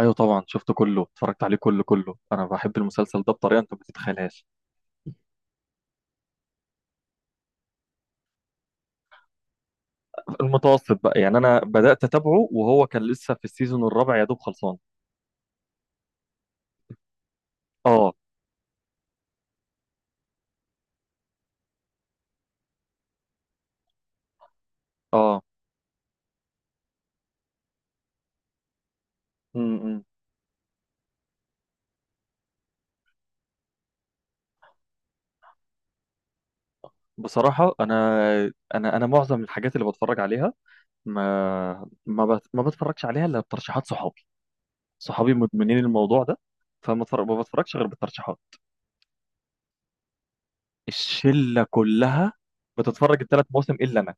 ايوه طبعا شفته كله اتفرجت عليه كله كله. انا بحب المسلسل ده بطريقه انت ما تتخيلهاش. المتوسط بقى يعني انا بدات اتابعه وهو كان لسه في السيزون الرابع يا دوب خلصان. اه اه. امم. بصراحه انا معظم الحاجات اللي بتفرج عليها ما بتفرجش عليها الا بترشيحات صحابي مدمنين الموضوع ده. ما بتفرجش غير بالترشيحات. الشله كلها بتتفرج الثلاث مواسم الا انا.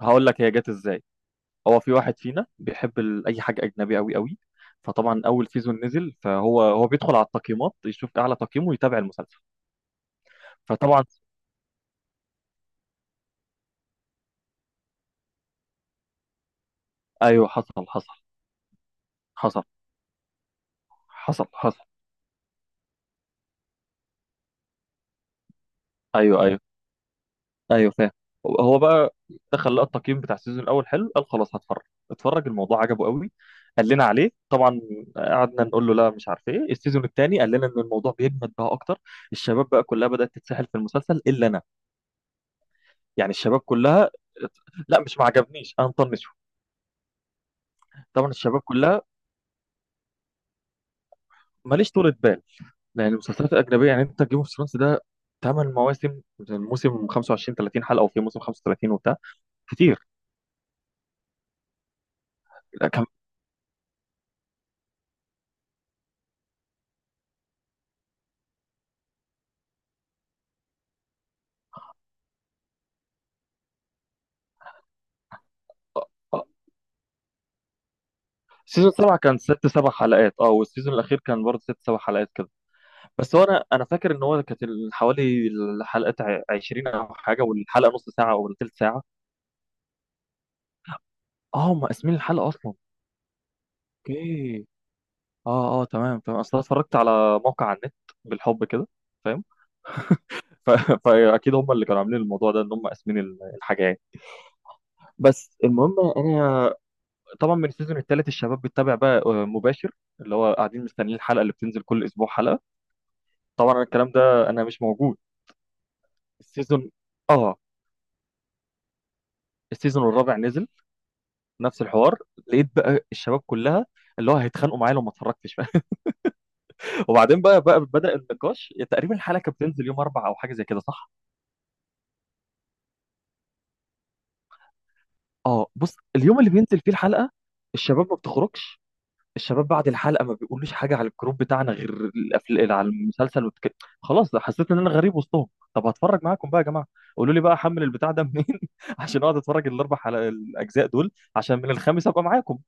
هقول لك هي جت ازاي. هو في واحد فينا بيحب اي حاجه اجنبي قوي قوي، فطبعا اول سيزون نزل، فهو بيدخل على التقييمات يشوف اعلى تقييم ويتابع المسلسل. فطبعا. ايوه حصل حصل. حصل. حصل حصل. ايوه ايوه ايوه فاهم. هو بقى دخل لقى التقييم بتاع السيزون الاول حلو قال خلاص هتفرج. اتفرج الموضوع عجبه قوي. قال لنا عليه طبعا. قعدنا نقول له لا مش عارف ايه. السيزون الثاني قال لنا ان الموضوع بيجمد بقى اكتر. الشباب بقى كلها بدات تتسحل في المسلسل الا انا. يعني الشباب كلها. لا، مش ما عجبنيش، انا مطنش. طبعا الشباب كلها، ماليش طولة بال. لان المسلسلات الاجنبيه، يعني انت جيم اوف ثرونز ده ثمان مواسم، الموسم 25 30 حلقه، وفي موسم 35 وبتاع. كتير. لا، كان سيزون سبعة كان ست سبع حلقات، اه، والسيزون الأخير كان برضه ست سبع حلقات كده. بس هو أنا فاكر إن هو كانت حوالي الحلقات 20 أو حاجة، والحلقة نص ساعة أو تلت ساعة. اه هم قاسمين الحلقة أصلا. أوكي. اه اه تمام تمام. أصل أنا اتفرجت على موقع على النت بالحب كده. ف- فاكيد هم اللي كانوا عاملين الموضوع ده ان هم قاسمين الحاجه يعني. بس المهم انا طبعا من السيزون الثالث الشباب بتتابع بقى مباشر، اللي هو قاعدين مستنيين الحلقه اللي بتنزل كل اسبوع حلقه. طبعا أنا الكلام ده انا مش موجود. السيزون اه. السيزون الرابع نزل نفس الحوار، لقيت بقى الشباب كلها اللي هو هيتخانقوا معايا لو ما اتفرجتش. وبعدين بقى بدأ النقاش. تقريبا الحلقه كانت بتنزل يوم اربع او حاجه زي كده، صح؟ اه بص، اليوم اللي بينزل فيه الحلقه الشباب ما بتخرجش. الشباب بعد الحلقه ما بيقولوش حاجه على الجروب بتاعنا غير على المسلسل خلاص. ده حسيت ان انا غريب وسطهم. طب هتفرج معاكم بقى يا جماعه، قولوا لي بقى احمل البتاع ده منين. عشان اقعد اتفرج الاجزاء دول، عشان من الخامس ابقى معاكم.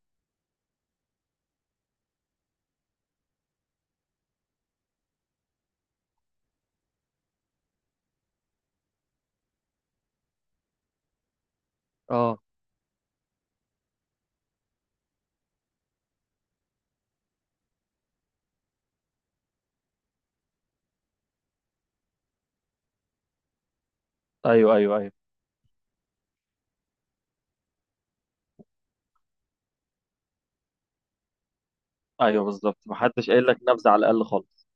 اه ايوه ايوه ايوه ايوه بالظبط. ما حدش قايل لك نبذه على الاقل خالص.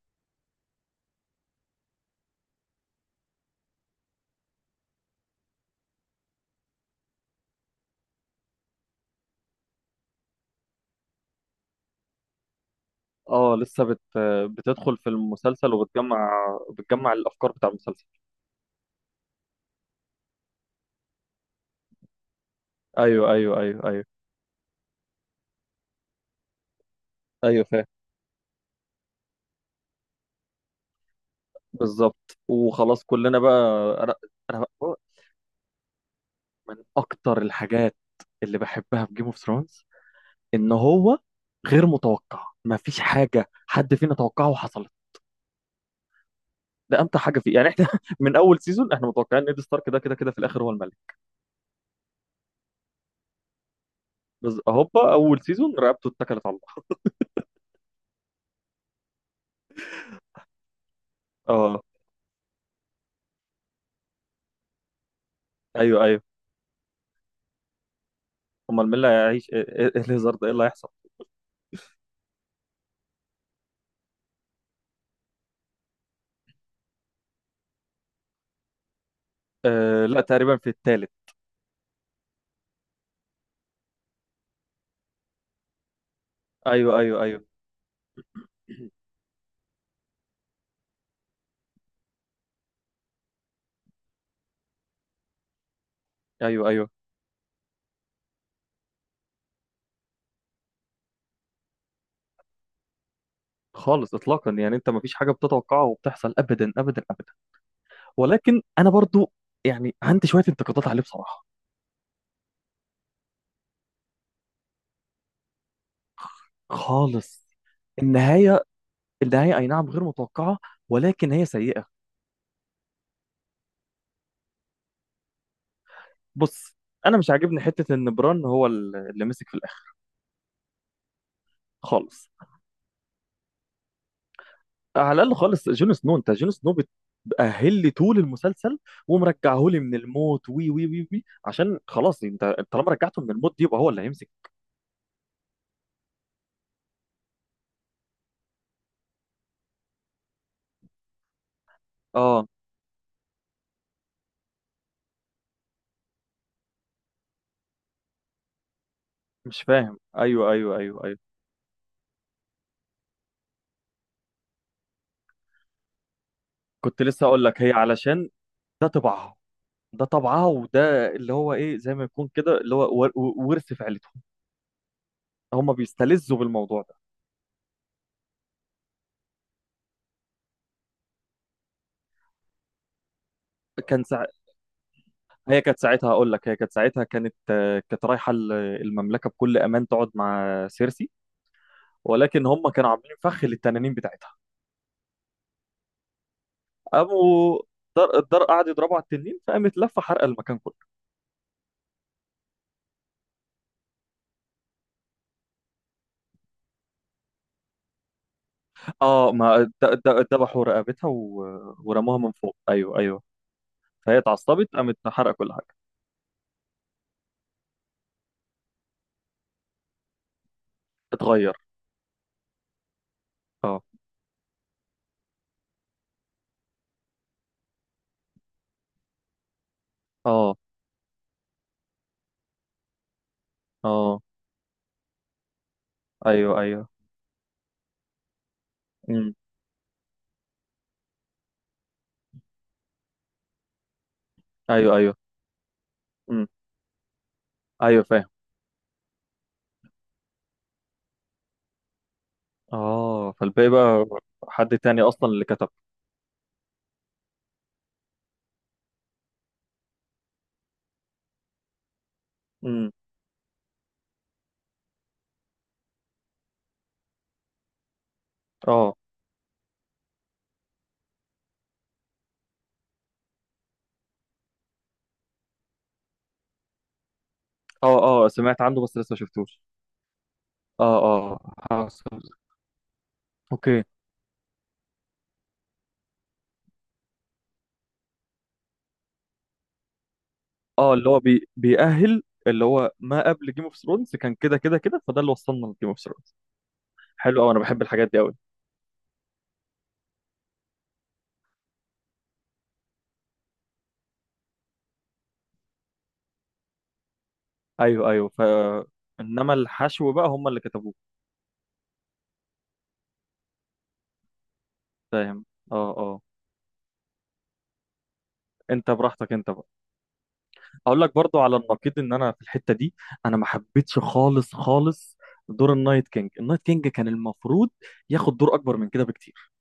اه بتدخل في المسلسل وبتجمع. بتجمع الافكار بتاع المسلسل. ايوه ايوه ايوه ايوه ايوه فاهم. بالظبط، وخلاص كلنا بقى. انا انا من اكتر الحاجات اللي بحبها في جيم اوف ثرونز ان هو غير متوقع. مفيش حاجه حد فينا توقعه وحصلت. ده امتع حاجه فيه. يعني احنا من اول سيزون احنا متوقعين ان ايد ستارك ده كده كده في الاخر هو الملك، بس هوبا اول سيزون رقبته اتكلت على الله. اه ايوه ايوه. امال مين اللي هيعيش؟ إيه الهزار ده، ايه اللي هيحصل؟ آه لا، تقريبا في الثالث. ايوه ايوه ايوه. ايوه ايوه. خالص اطلاقا، يعني انت مفيش حاجه بتتوقعها وبتحصل ابدا ابدا ابدا. ولكن انا برضو يعني عندي شويه انتقادات عليه بصراحه. خالص. النهاية، النهاية أي نعم غير متوقعة، ولكن هي سيئة. بص، أنا مش عاجبني حتة إن بران هو اللي مسك في الآخر خالص. على الأقل خالص جون سنو، أنت جون سنو بتأهل لي طول المسلسل ومرجعه لي من الموت وي وي وي وي، عشان خلاص أنت طالما رجعته من الموت دي يبقى هو اللي هيمسك. آه مش فاهم أيوه أيوه أيوه أيوه. كنت لسه أقول لك هي علشان ده طبعها. ده طبعها وده اللي هو إيه، زي ما يكون كده اللي هو ورث في عيلتهم. هم بيستلذوا بالموضوع ده. كان سع... هي كانت ساعتها، اقول لك هي كانت ساعتها كانت كانت رايحه المملكه بكل امان تقعد مع سيرسي، ولكن هم كانوا عاملين فخ للتنانين بتاعتها. قاموا الدار الدار قعد يضربوا على التنين فقامت لفه حرق المكان كله. اه ما ذبحوا رقبتها و... ورموها من فوق، ايوه ايوه. فهي اتعصبت قامت حرق كل حاجه. اتغير. اه اه اه ايوه ايوه امم ايوه ايوه امم ايوه فاهم. اه فالباقي بقى حد تاني اصلا اللي كتب. امم. اه اه اه سمعت عنه بس لسه ما شفتوش. اه اه حصل. اوكي. اه بيأهل اللي هو ما قبل جيم اوف ثرونز كان كده كده كده، فده اللي وصلنا لجيم اوف ثرونز. حلو قوي، انا بحب الحاجات دي قوي. ايوه ايوه. ف انما الحشو بقى هم اللي كتبوه. فاهم اه اه. انت براحتك انت بقى. اقول لك برضو على النقيض، ان انا في الحتة دي انا ما حبيتش خالص خالص دور النايت كينج. النايت كينج كان المفروض ياخد دور اكبر من كده بكتير.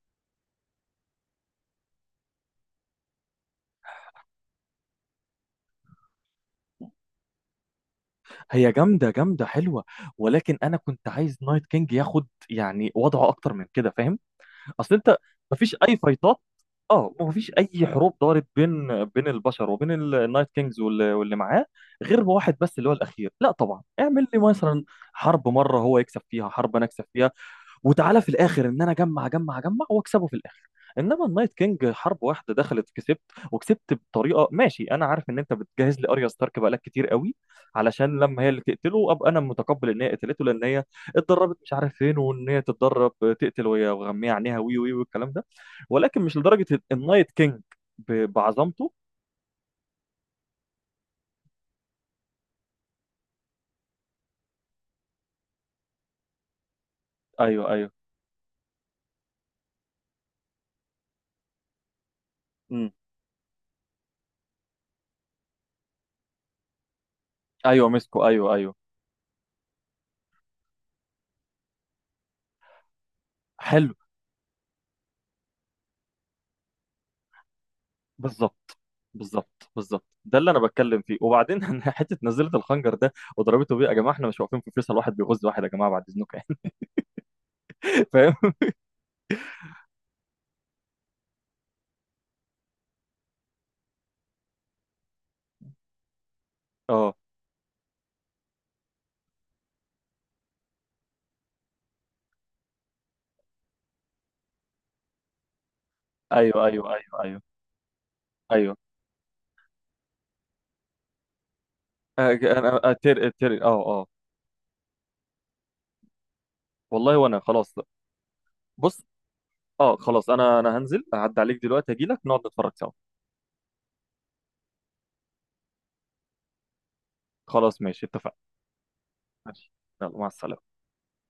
هي جامدة جامدة حلوة، ولكن أنا كنت عايز نايت كينج ياخد يعني وضعه أكتر من كده، فاهم؟ أصل أنت مفيش أي فايتات، أه مفيش أي حروب دارت بين بين البشر وبين النايت كينجز واللي معاه غير واحد بس اللي هو الأخير. لا طبعا، اعمل لي مثلا حرب مرة هو يكسب فيها، حرب أنا أكسب فيها، وتعالى في الاخر ان انا اجمع اجمع اجمع واكسبه في الاخر. انما النايت كينج حرب واحده دخلت كسبت، وكسبت بطريقه ماشي. انا عارف ان انت بتجهز لي اريا ستارك بقالك كتير قوي علشان لما هي اللي تقتله ابقى انا متقبل ان هي قتلته، لان هي اتدربت مش عارف فين، وان هي تتدرب تقتل وهي وغمية عينيها وي وي والكلام ده، ولكن مش لدرجه النايت كينج بعظمته. ايوه ايوه امم ايوه مسكو ايوه ايوه. حلو. بالظبط. بالظبط بالظبط ده اللي انا بتكلم فيه. وبعدين حته نزلت الخنجر ده وضربته بيه، يا جماعه احنا مش واقفين في فيصل واحد بيغز واحد، يا جماعه بعد اذنكم يعني. فاهم اه ايوه ايوه ايوه ايوه ايوه. آه، انا اتر اه اه. والله. وانا خلاص. بص، اه خلاص، انا انا هنزل هعدي عليك دلوقتي اجي لك نقعد نتفرج سوا. خلاص ماشي اتفقنا. ماشي يلا مع السلامه.